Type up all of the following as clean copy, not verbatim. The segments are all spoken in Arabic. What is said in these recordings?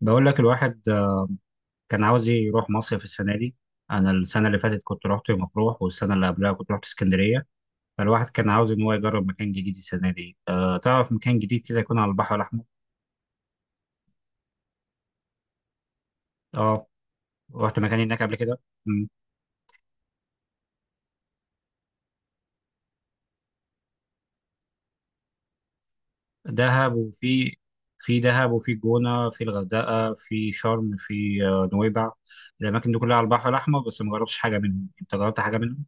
بقول لك الواحد كان عاوز يروح مصيف السنة دي. أنا السنة اللي فاتت كنت رحت مطروح، والسنة اللي قبلها كنت رحت اسكندرية. فالواحد كان عاوز إن هو يجرب مكان جديد السنة دي. تعرف، مكان جديد كده يكون على البحر الأحمر. أه. رحت مكان هناك قبل كده. مم. دهب وفي في دهب وفي جونة، في الغردقة، في شرم، في نويبع. الأماكن دي كلها على البحر الأحمر، بس ما جربتش حاجة منهم. أنت جربت حاجة منهم؟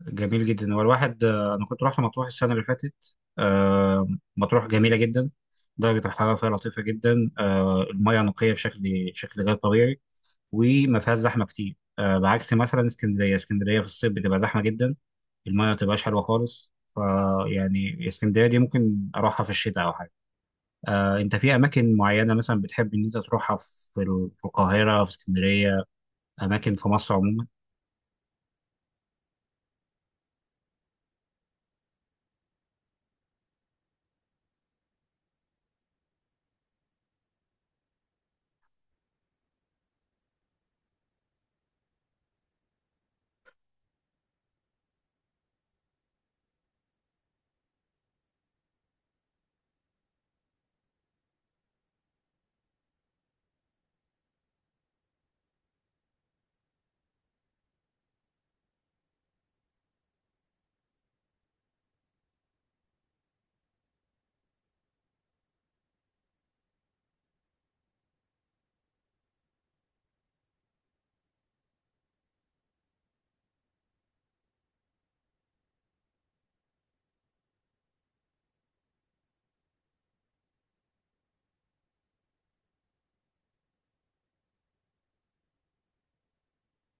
جميل جدا. هو الواحد انا كنت رحت مطروح السنه اللي فاتت. مطروح جميله جدا. درجه الحراره فيها لطيفه جدا، المياه نقيه شكل غير طبيعي. وما فيهاش زحمه كتير، بعكس مثلا اسكندريه. اسكندريه في الصيف بتبقى زحمه جدا، المياه ما بتبقاش حلوه خالص، فيعني اسكندريه دي ممكن اروحها في الشتاء او حاجه. انت في اماكن معينه مثلا بتحب ان انت تروحها، في في القاهره، في اسكندريه، اماكن في مصر عموما؟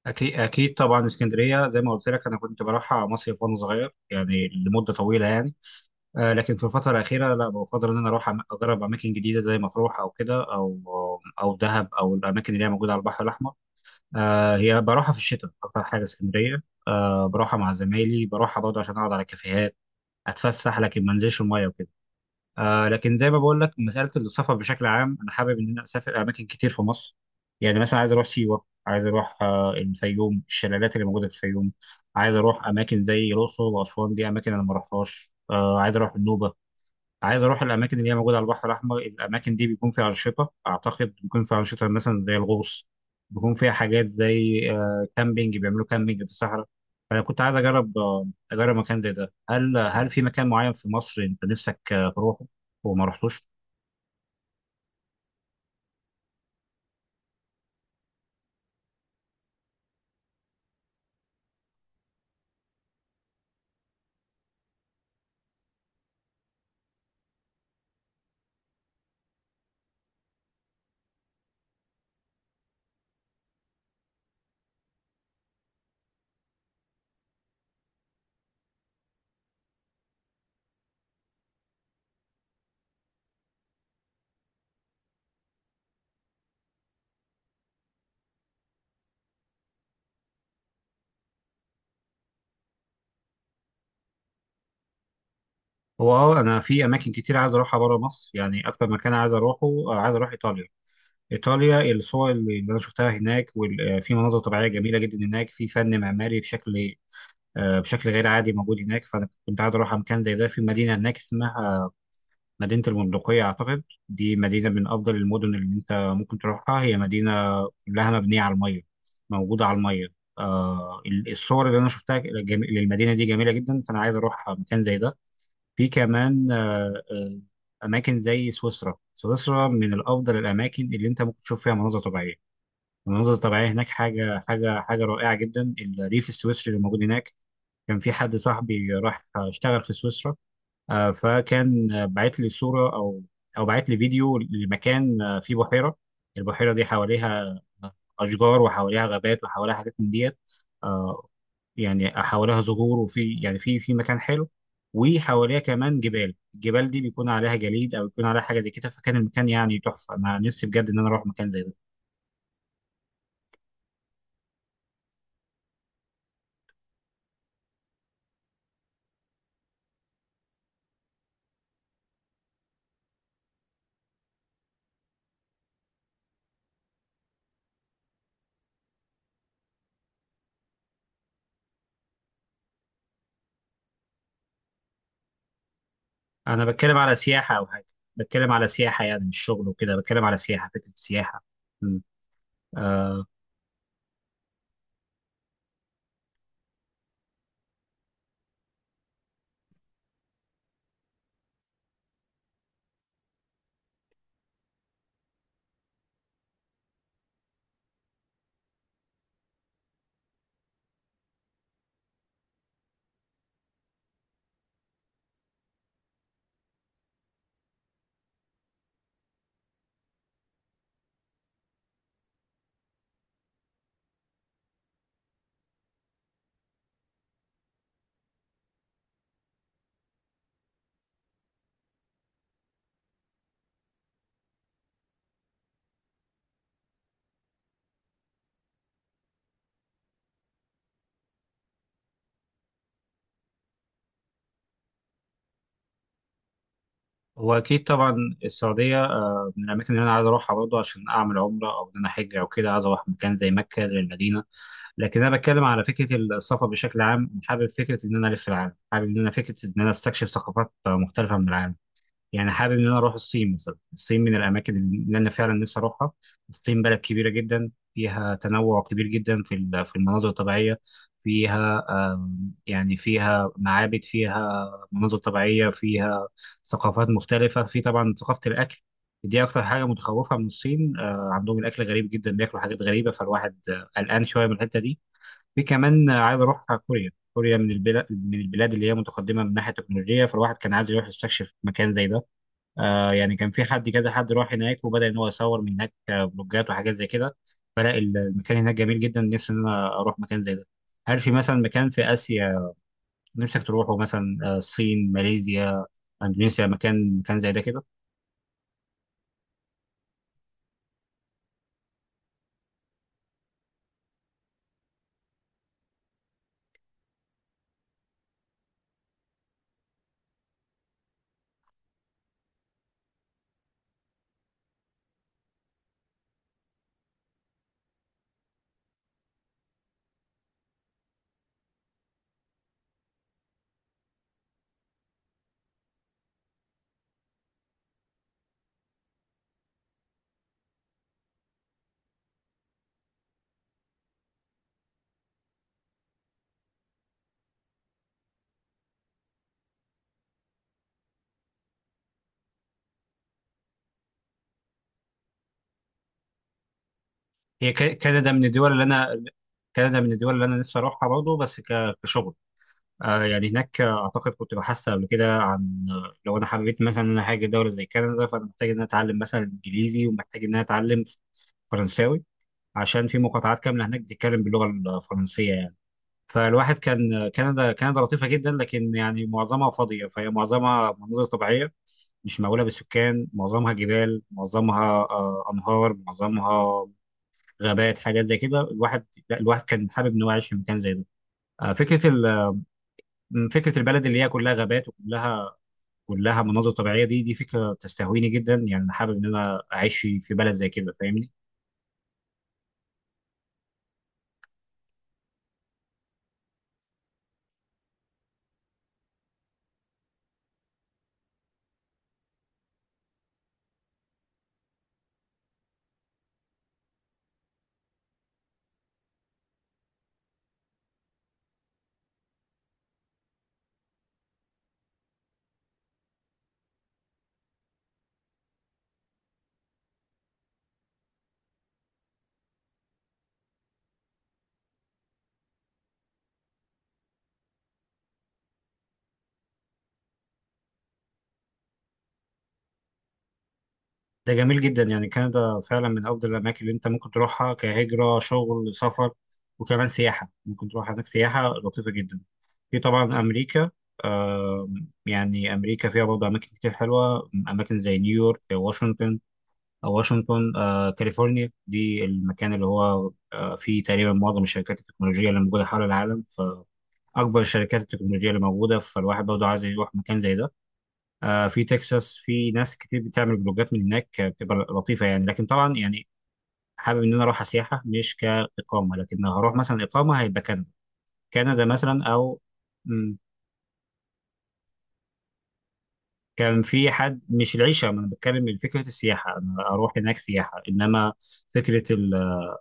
أكيد أكيد طبعا. اسكندرية زي ما قلت لك أنا كنت بروحها مصيف وأنا صغير يعني، لمدة طويلة يعني. لكن في الفترة الأخيرة لا، بفضل إن أنا أروح أجرب أماكن جديدة زي مطروح أو كده أو دهب أو الأماكن اللي هي موجودة على البحر الأحمر. هي بروحها في الشتاء أكتر حاجة اسكندرية، بروحها مع زمايلي، بروحها برضه عشان أقعد على كافيهات أتفسح، لكن ما أنزلش المية وكده. لكن زي ما بقول لك، مساله السفر بشكل عام انا حابب ان انا اسافر اماكن كتير في مصر. يعني مثلا عايز اروح سيوه، عايز اروح الفيوم، الشلالات اللي موجوده في الفيوم. عايز اروح اماكن زي الاقصر واسوان، دي اماكن انا ما رحتهاش. عايز اروح النوبه. عايز اروح الاماكن اللي هي موجوده على البحر الاحمر. الاماكن دي بيكون فيها انشطه اعتقد، بيكون فيها انشطه مثلا زي الغوص. بيكون فيها حاجات زي كامبينج، بيعملوا كامبينج في الصحراء. فانا كنت عايز اجرب مكان زي ده. هل في مكان معين في مصر انت نفسك تروحه وما رحتوش؟ هو انا في اماكن كتير عايز اروحها بره مصر يعني، اكتر مكان عايز اروحه عايز اروح ايطاليا. ايطاليا، الصور اللي انا شفتها هناك، وفي مناظر طبيعيه جميله جدا هناك، في فن معماري بشكل غير عادي موجود هناك، فانا كنت عايز اروح مكان زي ده. في مدينه هناك اسمها مدينه البندقيه اعتقد، دي مدينه من افضل المدن اللي انت ممكن تروحها. هي مدينه كلها مبنيه على الميه، موجوده على الميه. الصور اللي انا شفتها للمدينه دي جميله جدا، فانا عايز اروح مكان زي ده. في كمان اماكن زي سويسرا. سويسرا من الافضل الاماكن اللي انت ممكن تشوف فيها مناظر طبيعيه. المناظر الطبيعيه هناك حاجه حاجه حاجه رائعه جدا. الريف السويسري اللي موجود هناك. كان في حد صاحبي راح اشتغل في سويسرا. فكان بعت لي صورة أو بعت لي فيديو لمكان فيه بحيرة. البحيرة دي حواليها أشجار، وحواليها غابات، وحواليها حاجات من ديت. آه، يعني حواليها زهور، وفي يعني في مكان حلو. وحواليها كمان جبال، الجبال دي بيكون عليها جليد أو بيكون عليها حاجة زي كده، فكان المكان يعني تحفة. أنا نفسي بجد إن أنا أروح مكان زي ده. أنا بتكلم على سياحة أو حاجة، بتكلم على سياحة يعني مش شغل وكده، بتكلم على سياحة، فكرة سياحة. هو أكيد طبعا. السعودية من الأماكن اللي أنا عايز أروحها برضه عشان أعمل عمرة أو إن أنا أحج أو كده، عايز أروح مكان زي مكة، زي المدينة. لكن أنا بتكلم على فكرة السفر بشكل عام، حابب فكرة إن أنا ألف العالم، حابب إن أنا فكرة إن أنا أستكشف ثقافات مختلفة من العالم. يعني حابب ان انا اروح الصين مثلا. الصين من الاماكن اللي انا فعلا نفسي اروحها. الصين بلد كبيره جدا، فيها تنوع كبير جدا في في المناظر الطبيعيه، فيها يعني فيها معابد، فيها مناظر طبيعيه، فيها ثقافات مختلفه، في طبعا ثقافه الاكل. دي اكتر حاجه متخوفه من الصين، عندهم الاكل غريب جدا، بياكلوا حاجات غريبه، فالواحد قلقان شويه من الحته دي. في كمان عايز اروح كوريا. كوريا من البلاد اللي هي متقدمه من ناحيه التكنولوجيا، فالواحد كان عايز يروح يستكشف مكان زي ده. يعني كان في حد راح هناك وبدأ ان هو يصور من هناك بلوجات وحاجات زي كده. فلا المكان هناك جميل جدا، نفسي ان انا اروح مكان زي ده. هل في مثلا مكان في اسيا نفسك تروحه، مثلا الصين، ماليزيا، اندونيسيا، مكان زي ده كده؟ هي كندا من الدول اللي انا نفسي اروحها برضه، بس كشغل. يعني هناك، اعتقد كنت بحثت قبل كده عن، لو انا حبيت مثلا ان انا هاجي دوله زي كندا، فانا محتاج ان انا اتعلم مثلا انجليزي، ومحتاج ان انا اتعلم فرنساوي، عشان في مقاطعات كامله هناك بتتكلم باللغه الفرنسيه يعني. فالواحد كان كندا، كندا لطيفه جدا، لكن يعني معظمها فاضيه، فهي معظمها مناظر طبيعيه مش مأهوله بالسكان، معظمها جبال، معظمها انهار، معظمها غابات، حاجات زي كده. الواحد لا، الواحد كان حابب انه يعيش في مكان زي ده. آه، فكره ال... فكره البلد اللي هي كلها غابات، وكلها مناظر طبيعيه، دي فكره تستهويني جدا يعني. أنا حابب ان انا اعيش في بلد زي كده، فاهمني؟ ده جميل جدا يعني. كندا فعلا من افضل الاماكن اللي انت ممكن تروحها كهجره، شغل، سفر، وكمان سياحه، ممكن تروح هناك سياحه لطيفه جدا. في طبعا امريكا. آه يعني امريكا فيها برضه اماكن كتير حلوه، اماكن زي نيويورك، واشنطن كاليفورنيا، دي المكان اللي هو فيه تقريبا معظم الشركات التكنولوجيه اللي موجوده حول العالم، فاكبر الشركات التكنولوجيه اللي موجوده، فالواحد برضه عايز يروح مكان زي ده. في تكساس في ناس كتير بتعمل فلوجات من هناك، بتبقى لطيفه يعني، لكن طبعا يعني حابب ان انا اروح سياحه مش كاقامه. لكن لو هروح مثلا اقامه هيبقى كندا، كندا مثلا او. مم، كان في حد. مش العيشه، ما انا بتكلم من فكره السياحه، انا اروح هناك سياحه، انما فكره ال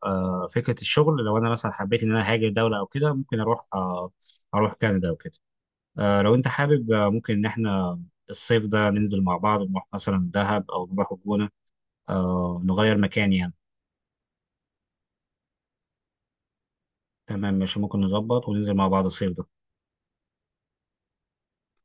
فكره الشغل، لو انا مثلا حبيت ان انا هاجر دوله او كده، ممكن اروح كندا وكده. لو انت حابب، ممكن ان احنا الصيف ده ننزل مع بعض، نروح مثلا دهب او نروح الجونه، نغير مكان يعني. تمام ماشي، ممكن نظبط وننزل مع بعض الصيف ده.